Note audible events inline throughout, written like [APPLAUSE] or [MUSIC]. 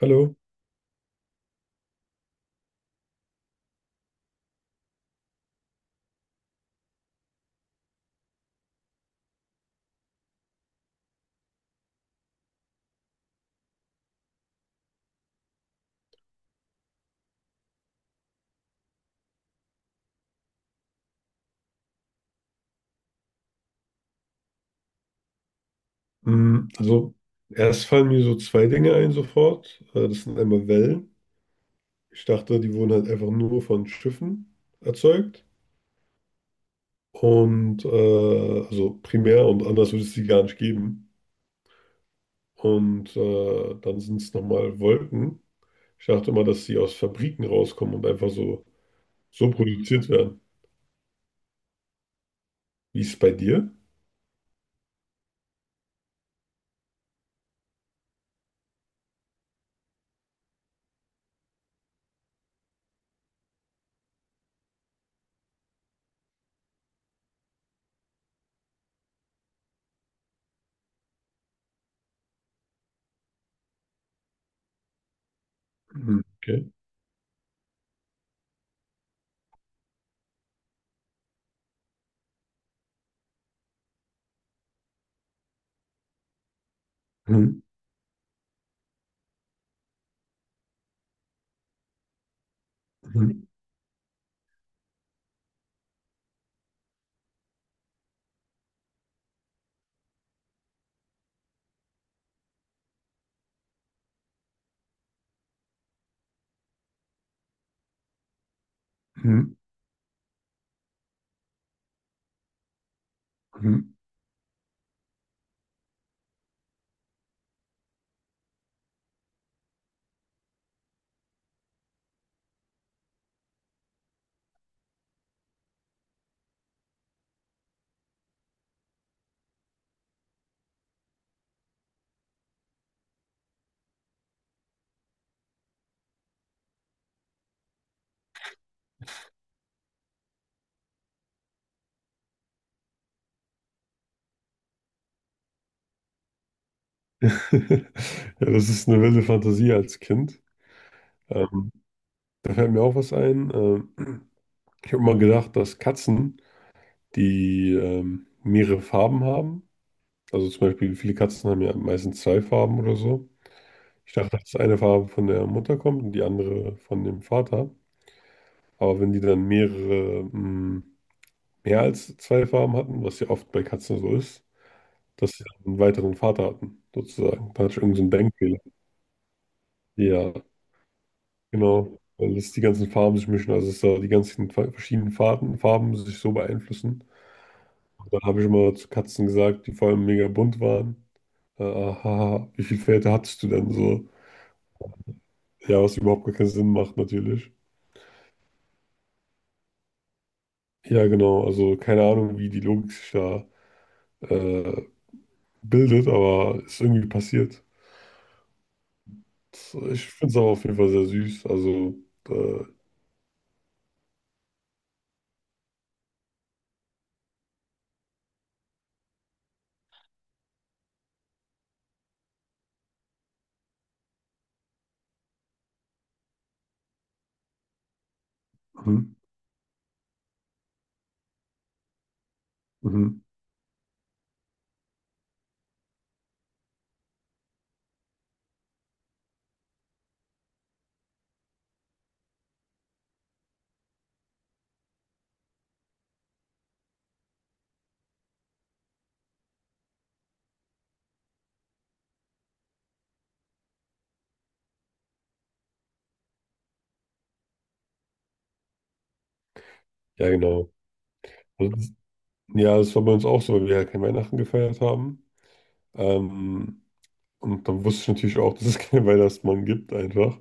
Hallo. Also, erst fallen mir so zwei Dinge ein sofort. Das sind einmal Wellen. Ich dachte, die wurden halt einfach nur von Schiffen erzeugt. Und also primär und anders würde es die gar nicht geben. Und dann sind es nochmal Wolken. Ich dachte immer, dass sie aus Fabriken rauskommen und einfach so, so produziert werden. Wie ist es bei dir? Mhm. Okay. Mhm, mhm, mhm, mhm. [LAUGHS] Ja, das ist eine wilde Fantasie als Kind. Ähm, Da fällt mir auch was ein. Ich habe mal gedacht, dass Katzen, die mehrere Farben haben, also zum Beispiel viele Katzen haben ja meistens zwei Farben oder so. Ich dachte, dass eine Farbe von der Mutter kommt und die andere von dem Vater. Aber wenn die dann mehrere, mehr als zwei Farben hatten, was ja oft bei Katzen so ist, dass sie dann einen weiteren Vater hatten, sozusagen. Da hatte ich irgendeinen so einen Denkfehler. Ja, genau. Weil es die ganzen Farben sich mischen, also dass da die ganzen verschiedenen Farben, Farben sich so beeinflussen. Dann habe ich immer zu Katzen gesagt, die vor allem mega bunt waren. Haha, wie viele Väter hattest du denn so? Ja, was überhaupt gar keinen Sinn macht natürlich. Ja, genau. Also keine Ahnung, wie die Logik sich da äh, bildet, aber ist irgendwie passiert. Das, ich finde es aber auf jeden Fall sehr süß. Also, äh, mhm, mhm. Ja, genau. Also, das, ja, das war bei uns auch so, weil wir ja kein Weihnachten gefeiert haben. Ähm, und dann wusste ich natürlich auch, [LAUGHS] dass es keinen Weihnachtsmann gibt, einfach.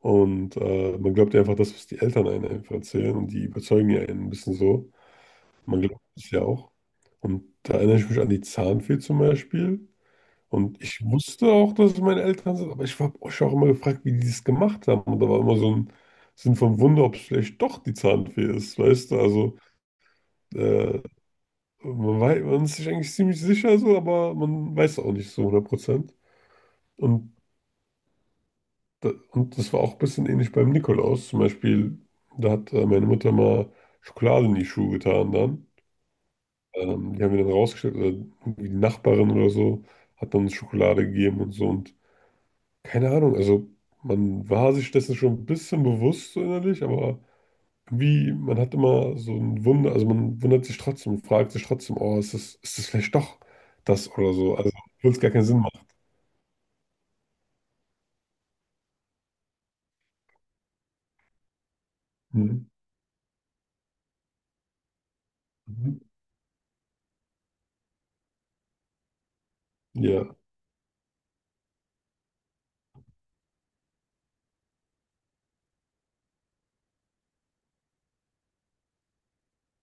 Und man glaubt ja einfach das, was die Eltern einem einfach erzählen und die überzeugen ja einen ein bisschen so. Man glaubt es ja auch. Und da erinnere ich mich an die Zahnfee zum Beispiel. Und ich wusste auch, dass es meine Eltern sind, aber ich habe euch auch immer gefragt, wie die das gemacht haben. Und da war immer so ein Sinn von Wunder, ob es vielleicht doch die Zahnfee ist, weißt du? Also äh, man ist sich eigentlich ziemlich sicher so, aber man weiß auch nicht so 100%. Und Da, und das war auch ein bisschen ähnlich beim Nikolaus. Zum Beispiel, da hat meine Mutter mal Schokolade in die Schuhe getan dann. Die haben wir dann rausgestellt, oder irgendwie die Nachbarin oder so hat dann Schokolade gegeben und so. Und keine Ahnung, also man war sich dessen schon ein bisschen bewusst so innerlich, aber irgendwie, man hat immer so ein Wunder, also man wundert sich trotzdem, und fragt sich trotzdem, oh, ist das vielleicht doch das oder so? Also, obwohl es gar keinen Sinn macht. Mhm. Mhm. Ja.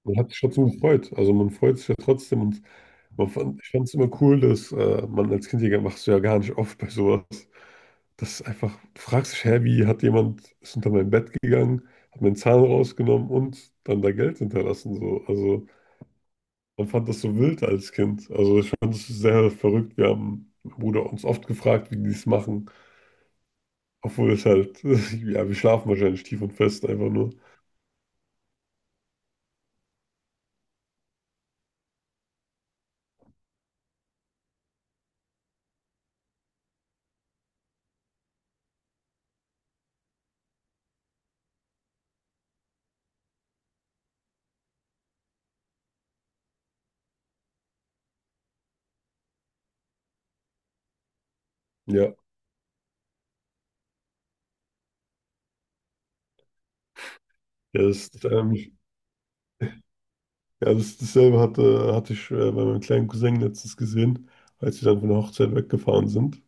Man hat sich trotzdem gefreut. Also man freut sich ja trotzdem und man fand, ich fand es immer cool, dass man als Kind ja, machst du ja gar nicht oft bei sowas. Dass einfach, du fragst dich, hä, wie hat jemand, ist unter mein Bett gegangen, hat meinen Zahn rausgenommen und dann da Geld hinterlassen. So. Also man fand das so wild als Kind. Also ich fand es sehr verrückt. Wir haben, mein Bruder, uns oft gefragt, wie die es machen. Obwohl es halt, [LAUGHS] ja, wir schlafen wahrscheinlich tief und fest einfach nur. Ja, ja, das ist ja, das, hatte ich bei meinem kleinen Cousin letztens gesehen, als wir dann von der Hochzeit weggefahren sind.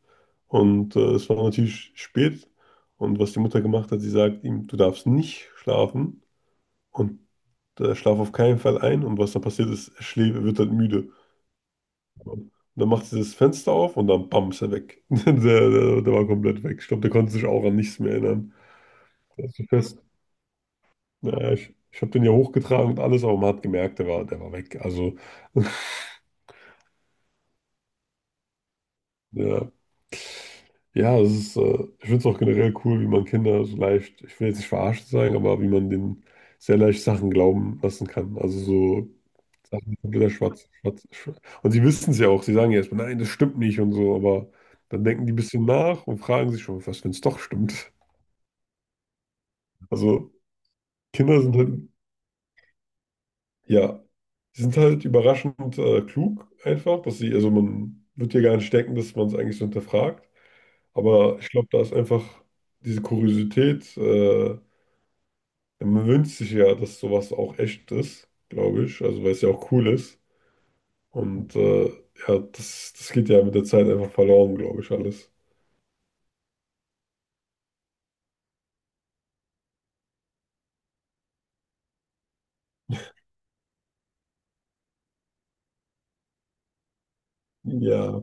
Und es war natürlich spät. Und was die Mutter gemacht hat, sie sagt ihm, du darfst nicht schlafen und schlaf auf keinen Fall ein. Und was dann passiert ist, er wird dann müde. Und dann macht sie das Fenster auf und dann bam, ist er weg. [LAUGHS] Der war komplett weg. Ich glaube, der konnte sich auch an nichts mehr erinnern. Der ist so fest. Naja, ich habe den ja hochgetragen und alles, aber man hat gemerkt, der war weg. Also, [LAUGHS] ja. Ja, es ist, ich finde es auch generell cool, wie man Kinder so leicht, ich will jetzt nicht verarscht sagen, aber wie man denen sehr leicht Sachen glauben lassen kann. Also so Sachen kompletter Schwarz. Und sie wissen es ja auch, sie sagen ja erstmal, nein, das stimmt nicht und so, aber dann denken die ein bisschen nach und fragen sich schon, was, wenn es doch stimmt. Also Kinder sind halt, ja, sie sind halt überraschend klug einfach, dass sie, also man wird ja gar nicht denken, dass man es eigentlich so hinterfragt. Aber ich glaube, da ist einfach diese Kuriosität, man wünscht sich ja, dass sowas auch echt ist, glaube ich. Also, weil es ja auch cool ist. Und ja, das, das geht ja mit der Zeit einfach verloren, glaube ich, alles. Ja,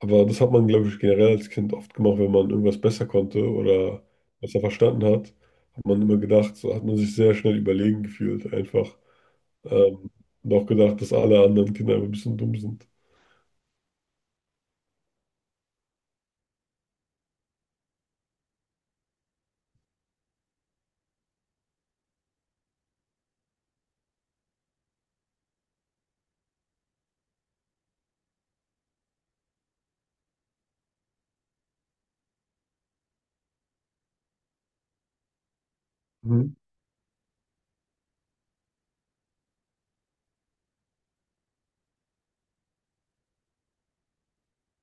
aber das hat man, glaube ich, generell als Kind oft gemacht, wenn man irgendwas besser konnte oder besser verstanden hat, hat man immer gedacht, so hat man sich sehr schnell überlegen gefühlt, einfach. Ähm, und auch gedacht, dass alle anderen Kinder einfach ein bisschen dumm sind. Mhm.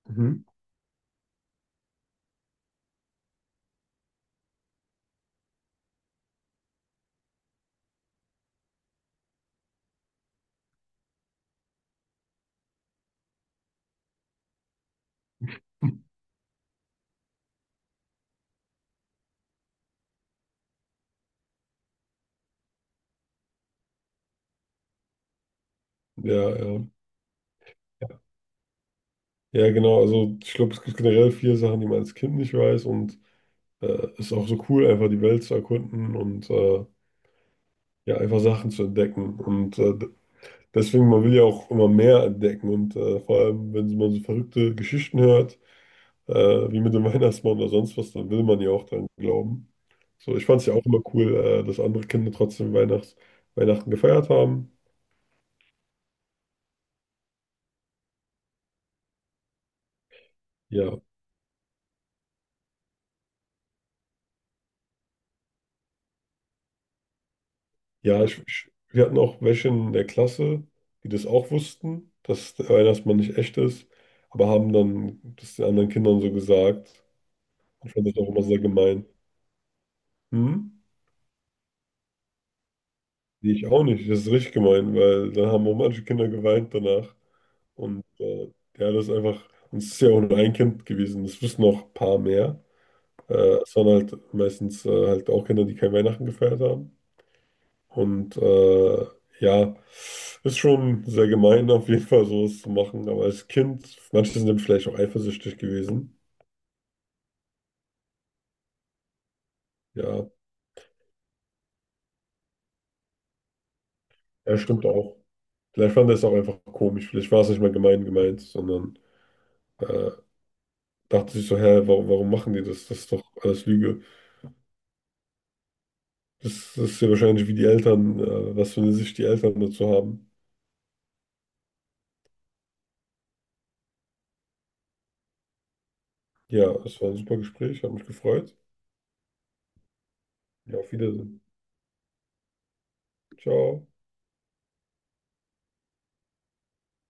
Mhm. Ja, ja. Ja, genau. Also ich glaube, es gibt generell viele Sachen, die man als Kind nicht weiß und ist auch so cool, einfach die Welt zu erkunden und ja, einfach Sachen zu entdecken. Und deswegen, man will ja auch immer mehr entdecken. Und vor allem, wenn man so verrückte Geschichten hört, äh, wie mit dem [LAUGHS] Weihnachtsmann oder sonst was, dann will man ja auch dran glauben. So, ich fand es ja auch immer cool, dass andere Kinder trotzdem Weihnachts Weihnachten gefeiert haben. Ja, ja, ich, wir hatten auch welche in der Klasse, die das auch wussten, dass der Weihnachtsmann nicht echt ist, aber haben dann das den anderen Kindern so gesagt. Ich fand das auch immer sehr gemein. Hm? Nee, ich auch nicht. Das ist richtig gemein, weil dann haben auch manche Kinder geweint danach. Und ja, das ist einfach, und es ist ja auch nur ein Kind gewesen. Es wissen noch ein paar mehr. Äh, es waren halt meistens halt auch Kinder, die kein Weihnachten gefeiert haben. Und ja, ist schon sehr gemein, auf jeden Fall sowas zu machen. Aber als Kind, manche sind dann vielleicht auch eifersüchtig gewesen. Ja, ja, stimmt auch. Vielleicht fand er es auch einfach komisch. Vielleicht war es nicht mal gemein gemeint, sondern. äh, dachte sich so, hä, warum machen die das? Das ist doch alles Lüge. Das ist ja wahrscheinlich wie die Eltern, was für eine Sicht die Eltern dazu haben. Ja, es war ein super Gespräch, hat mich gefreut. Ja, auf Wiedersehen. Ciao.